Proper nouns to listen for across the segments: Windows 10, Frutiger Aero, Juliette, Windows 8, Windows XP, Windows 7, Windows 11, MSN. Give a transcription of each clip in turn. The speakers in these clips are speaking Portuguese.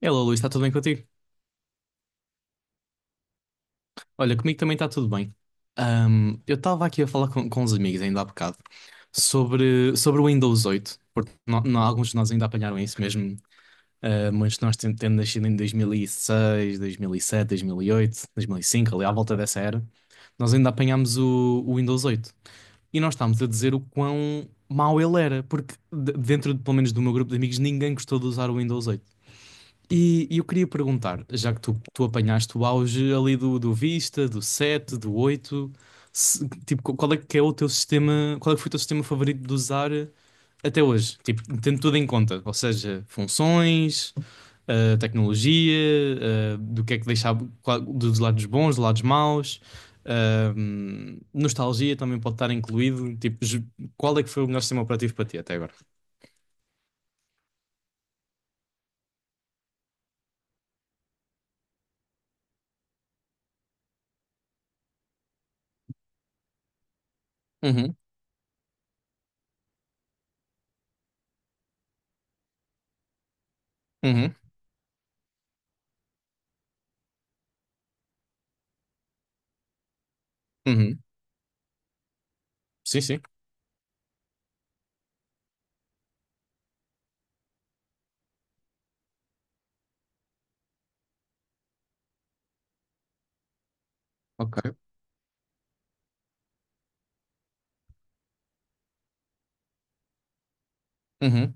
Hello, Luís, está tudo bem contigo? Olha, comigo também está tudo bem. Eu estava aqui a falar com os amigos ainda há bocado sobre o Windows 8, porque alguns de nós ainda apanharam isso mesmo. Muitos de nós tendo nascido em 2006, 2007, 2008, 2005, ali à volta dessa era, nós ainda apanhámos o Windows 8. E nós estávamos a dizer o quão mau ele era, porque dentro, pelo menos do meu grupo de amigos, ninguém gostou de usar o Windows 8. E eu queria perguntar, já que tu apanhaste o auge ali do Vista, do 7 do 8, tipo, qual é que é o teu sistema, qual é que foi o teu sistema favorito de usar até hoje? Tipo, tendo tudo em conta, ou seja, funções, tecnologia, do que é que deixava, dos lados bons, dos lados maus, nostalgia também pode estar incluído, tipo, qual é que foi o melhor sistema operativo para ti até agora? Uhum, uhum, uhum. Sim, sim. Ok. Uhum,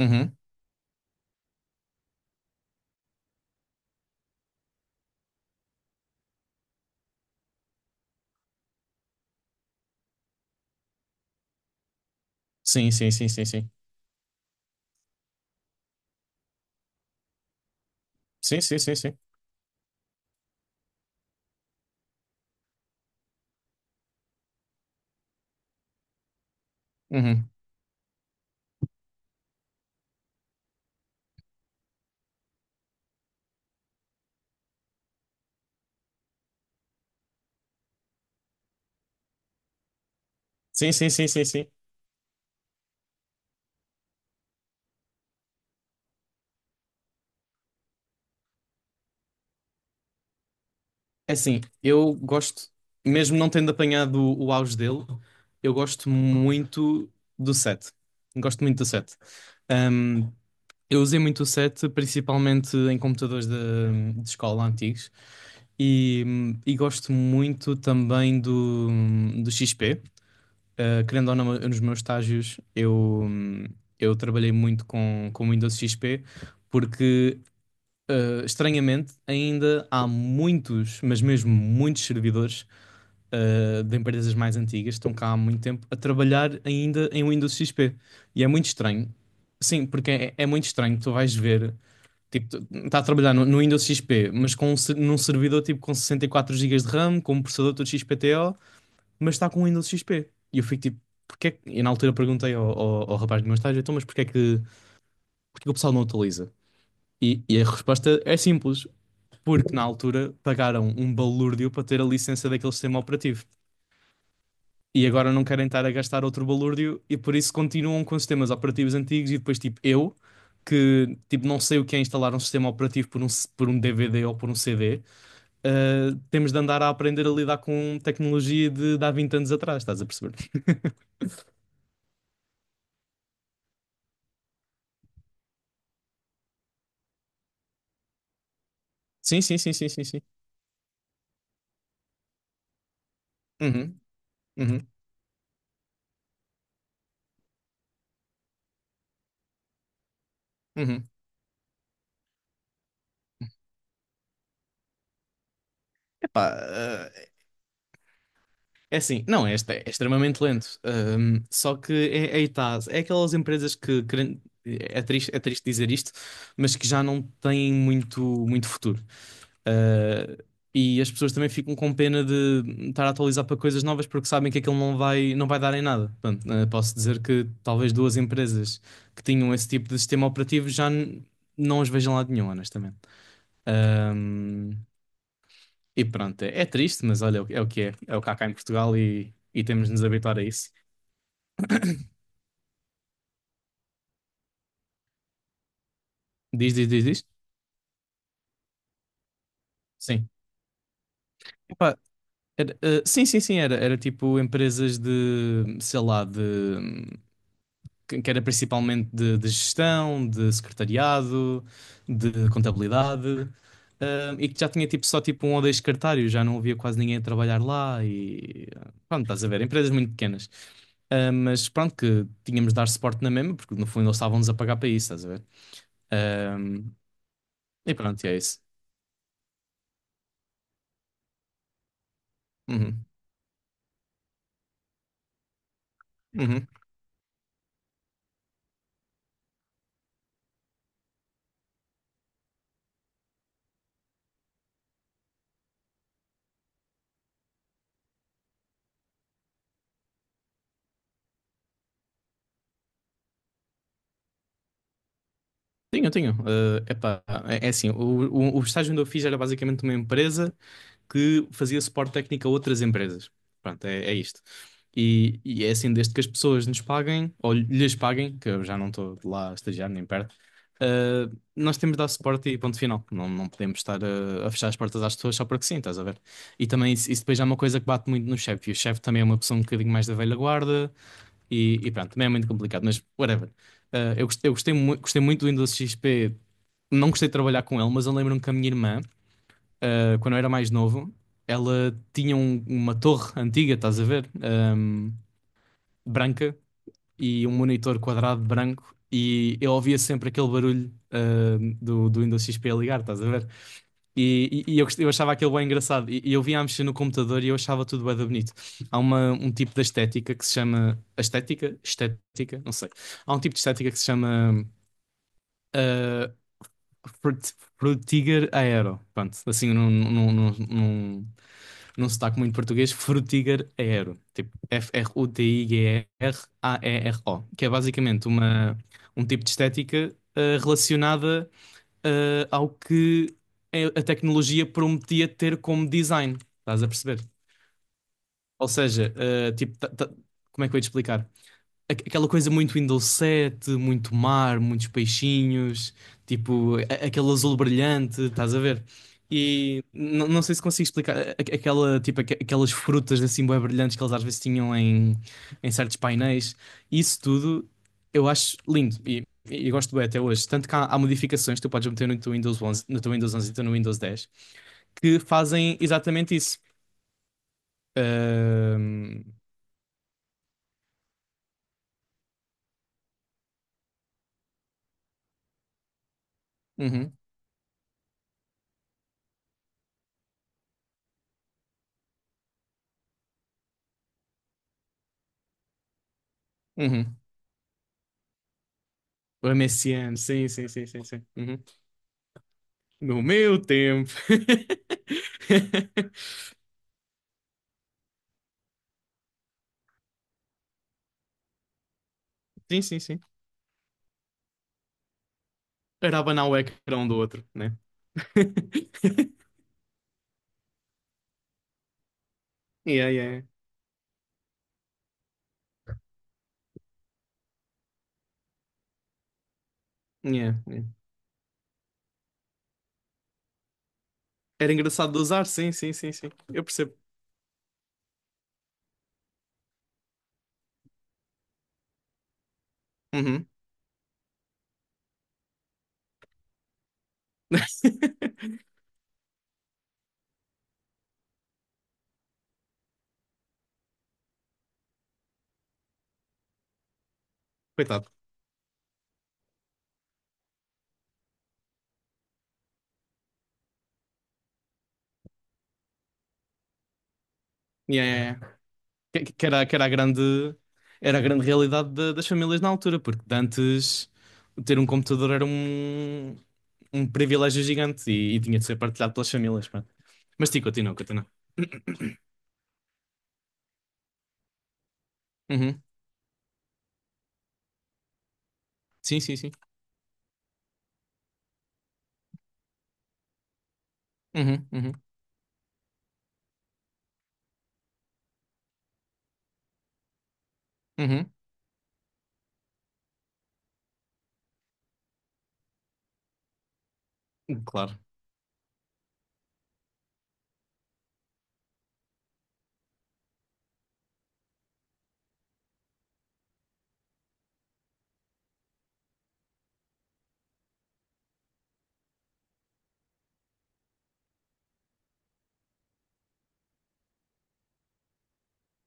uhum. Sim, sim, sim, sim, sim. Sim, sim, sim, sim. Uhum. Sim, sim, sim, sim, sim. É assim, eu gosto, mesmo não tendo apanhado o auge dele, eu gosto muito do set. Gosto muito do set. Um, eu usei muito o set principalmente em computadores de escola antigos. E, e gosto muito também do XP. Querendo ou não, nos meus estágios eu, trabalhei muito com Windows XP, porque estranhamente, ainda há muitos, mas mesmo muitos servidores de empresas mais antigas, estão cá há muito tempo, a trabalhar ainda em Windows XP. E é muito estranho. Sim, porque é muito estranho. Tu vais ver, tipo, está a trabalhar no Windows XP, mas num servidor tipo com 64 gigas de RAM, com um processador todo XPTO, mas está com o Windows XP. E eu fico tipo, porque é que... E na altura perguntei ao rapaz do meu estágio, então, mas porque é que o pessoal não atualiza? E a resposta é simples, porque na altura pagaram um balúrdio para ter a licença daquele sistema operativo. E agora não querem estar a gastar outro balúrdio e por isso continuam com sistemas operativos antigos e depois, tipo, eu, que tipo, não sei o que é instalar um sistema operativo por um DVD ou por um CD, temos de andar a aprender a lidar com tecnologia de há 20 anos atrás, estás a perceber? Sim, sim, sim, sim, sim, sim. Uhum, uhum, uhum. Epá, é assim, não, este é extremamente lento. Só que é, aí tá, é aquelas empresas que, é triste dizer isto, mas que já não têm muito, muito futuro. Ah, e as pessoas também ficam com pena de estar a atualizar para coisas novas porque sabem que aquilo não vai dar em nada. Portanto, posso dizer que talvez duas empresas que tinham esse tipo de sistema operativo não as vejam lá de nenhum, honestamente. E pronto, é, triste, mas olha, é o que é. É o que há cá em Portugal e temos de nos habituar a isso. Diz, diz, diz, diz. Sim. Epá, sim, sim, sim, era tipo empresas de, sei lá, de, que era principalmente de gestão, de secretariado, de contabilidade, e que já tinha tipo só tipo um ou dois secretários, já não havia quase ninguém a trabalhar lá e pronto, estás a ver, empresas muito pequenas. Mas pronto, que tínhamos de dar suporte na mesma, porque no fundo eles estavam-nos a pagar para isso, estás a ver? Ahm, e pronto, é isso. Uhum. Uhum. Tenho, tenho. Epá, é, assim, o estágio onde eu fiz era basicamente uma empresa que fazia suporte técnico a outras empresas. Pronto, é isto. E é assim, desde que as pessoas nos paguem, ou lhes paguem, que eu já não estou lá a estagiar nem perto, ah, nós temos de dar suporte e ponto final. Não, não podemos estar a fechar as portas às pessoas só porque sim, estás a ver? E também isso depois já é uma coisa que bate muito no chefe. E o chefe também é uma pessoa um bocadinho mais da velha guarda, e pronto, também é muito complicado, mas whatever. Eu gostei, gostei muito do Windows XP. Não gostei de trabalhar com ele, mas eu lembro-me que a minha irmã, quando eu era mais novo, ela tinha uma torre antiga, estás a ver? Branca e um monitor quadrado branco. E eu ouvia sempre aquele barulho, do Windows XP a ligar, estás a ver? E, e eu achava aquilo bem engraçado. E eu via a mexer no computador e eu achava tudo bem bonito. Há um tipo de estética que se chama. Estética? Estética? Não sei. Há um tipo de estética que se chama. ah, frutiger aero. Pronto, assim num sotaque muito português. Frutiger aero. Tipo Frutigraero. Que é basicamente um tipo de estética relacionada ao que a tecnologia prometia ter como design. Estás a perceber? Ou seja, tipo, como é que eu ia te explicar? Aqu- aquela coisa muito Windows 7, muito mar, muitos peixinhos, tipo, aquele azul brilhante, estás a ver? E não sei se consigo explicar aquela, tipo, aquelas frutas assim bué brilhantes que eles às vezes tinham em certos painéis. Isso tudo eu acho lindo e gosto bem até hoje. Tanto que há modificações que tu podes meter no teu Windows onze e teu no Windows 10 que fazem exatamente isso. Ahm, uhum, uhum. O MSN, sim, sim, sim, sim, sim. Uhum. No meu tempo. Sim, sim, sim. Era abanar o ecrã um do outro, né? Yeah, yeah, yeah, yeah. Era engraçado de usar, sim, sim, sim, sim. Eu percebo. Uhum. Coitado. Yeah, yeah, yeah. Que era, era a grande realidade das famílias na altura, porque de antes ter um computador era um privilégio gigante e tinha de ser partilhado pelas famílias. Pá. Mas sim, continua, continua. Uhum. Sim, sim, sim. Uhum, uhum, uhum. Claro.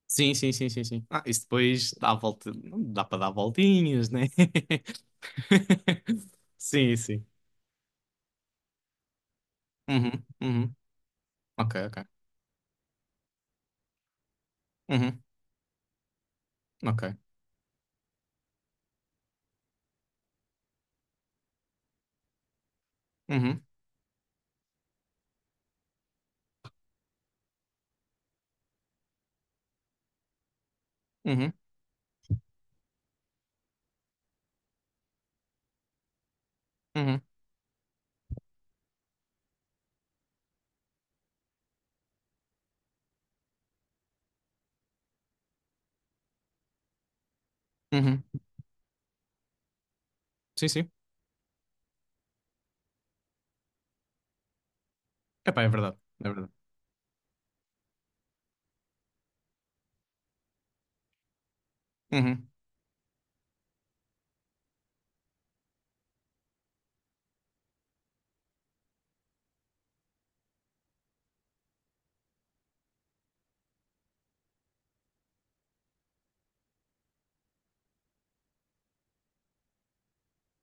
Sim, sim, sim, sim, sim. Ah, isso depois dá a volta. Não dá para dar voltinhas, né? Sim, sim. Uhum, uhum. Ok, ok. Uhum, ok. Uhum, uhum, uhum, uhum. Sim, sim. Epá, é verdade. É verdade. Uhum.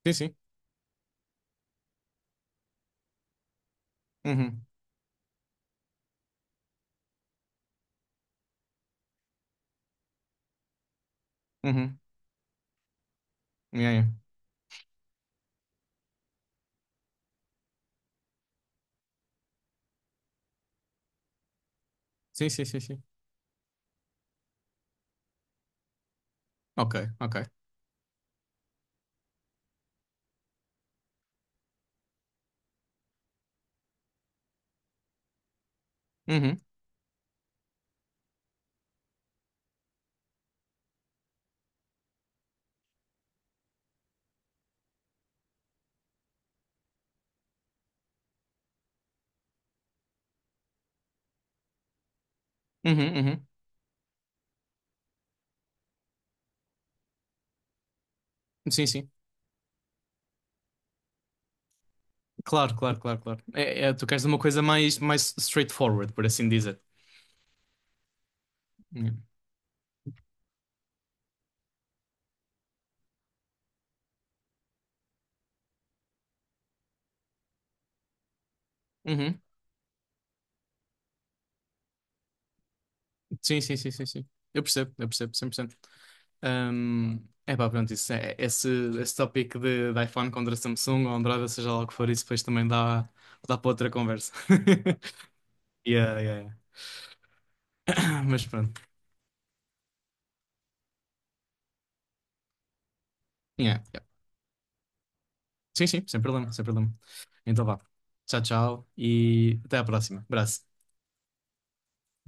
Sim, sim. Uhum, uhum. Yeah, yeah. Sim, sim, sim, sim. Ok, ok. Uhum, uhum, uhum. Sim, sim. Claro, claro, claro, claro. É, é, tu queres uma coisa mais, straightforward, por assim dizer. Yeah. Uhum. Sim, sim, sim, sim, sim. Eu percebo, 100%, é pá, pronto, isso é, esse tópico de iPhone contra Samsung ou Android, ou seja lá o que for, isso depois também dá para outra conversa. Yeah, yeah, yeah. Mas pronto. Yeah, yeah. Sim, sim, sem problema, sem problema. Então vá. Tchau, tchau e até à próxima. Abraço.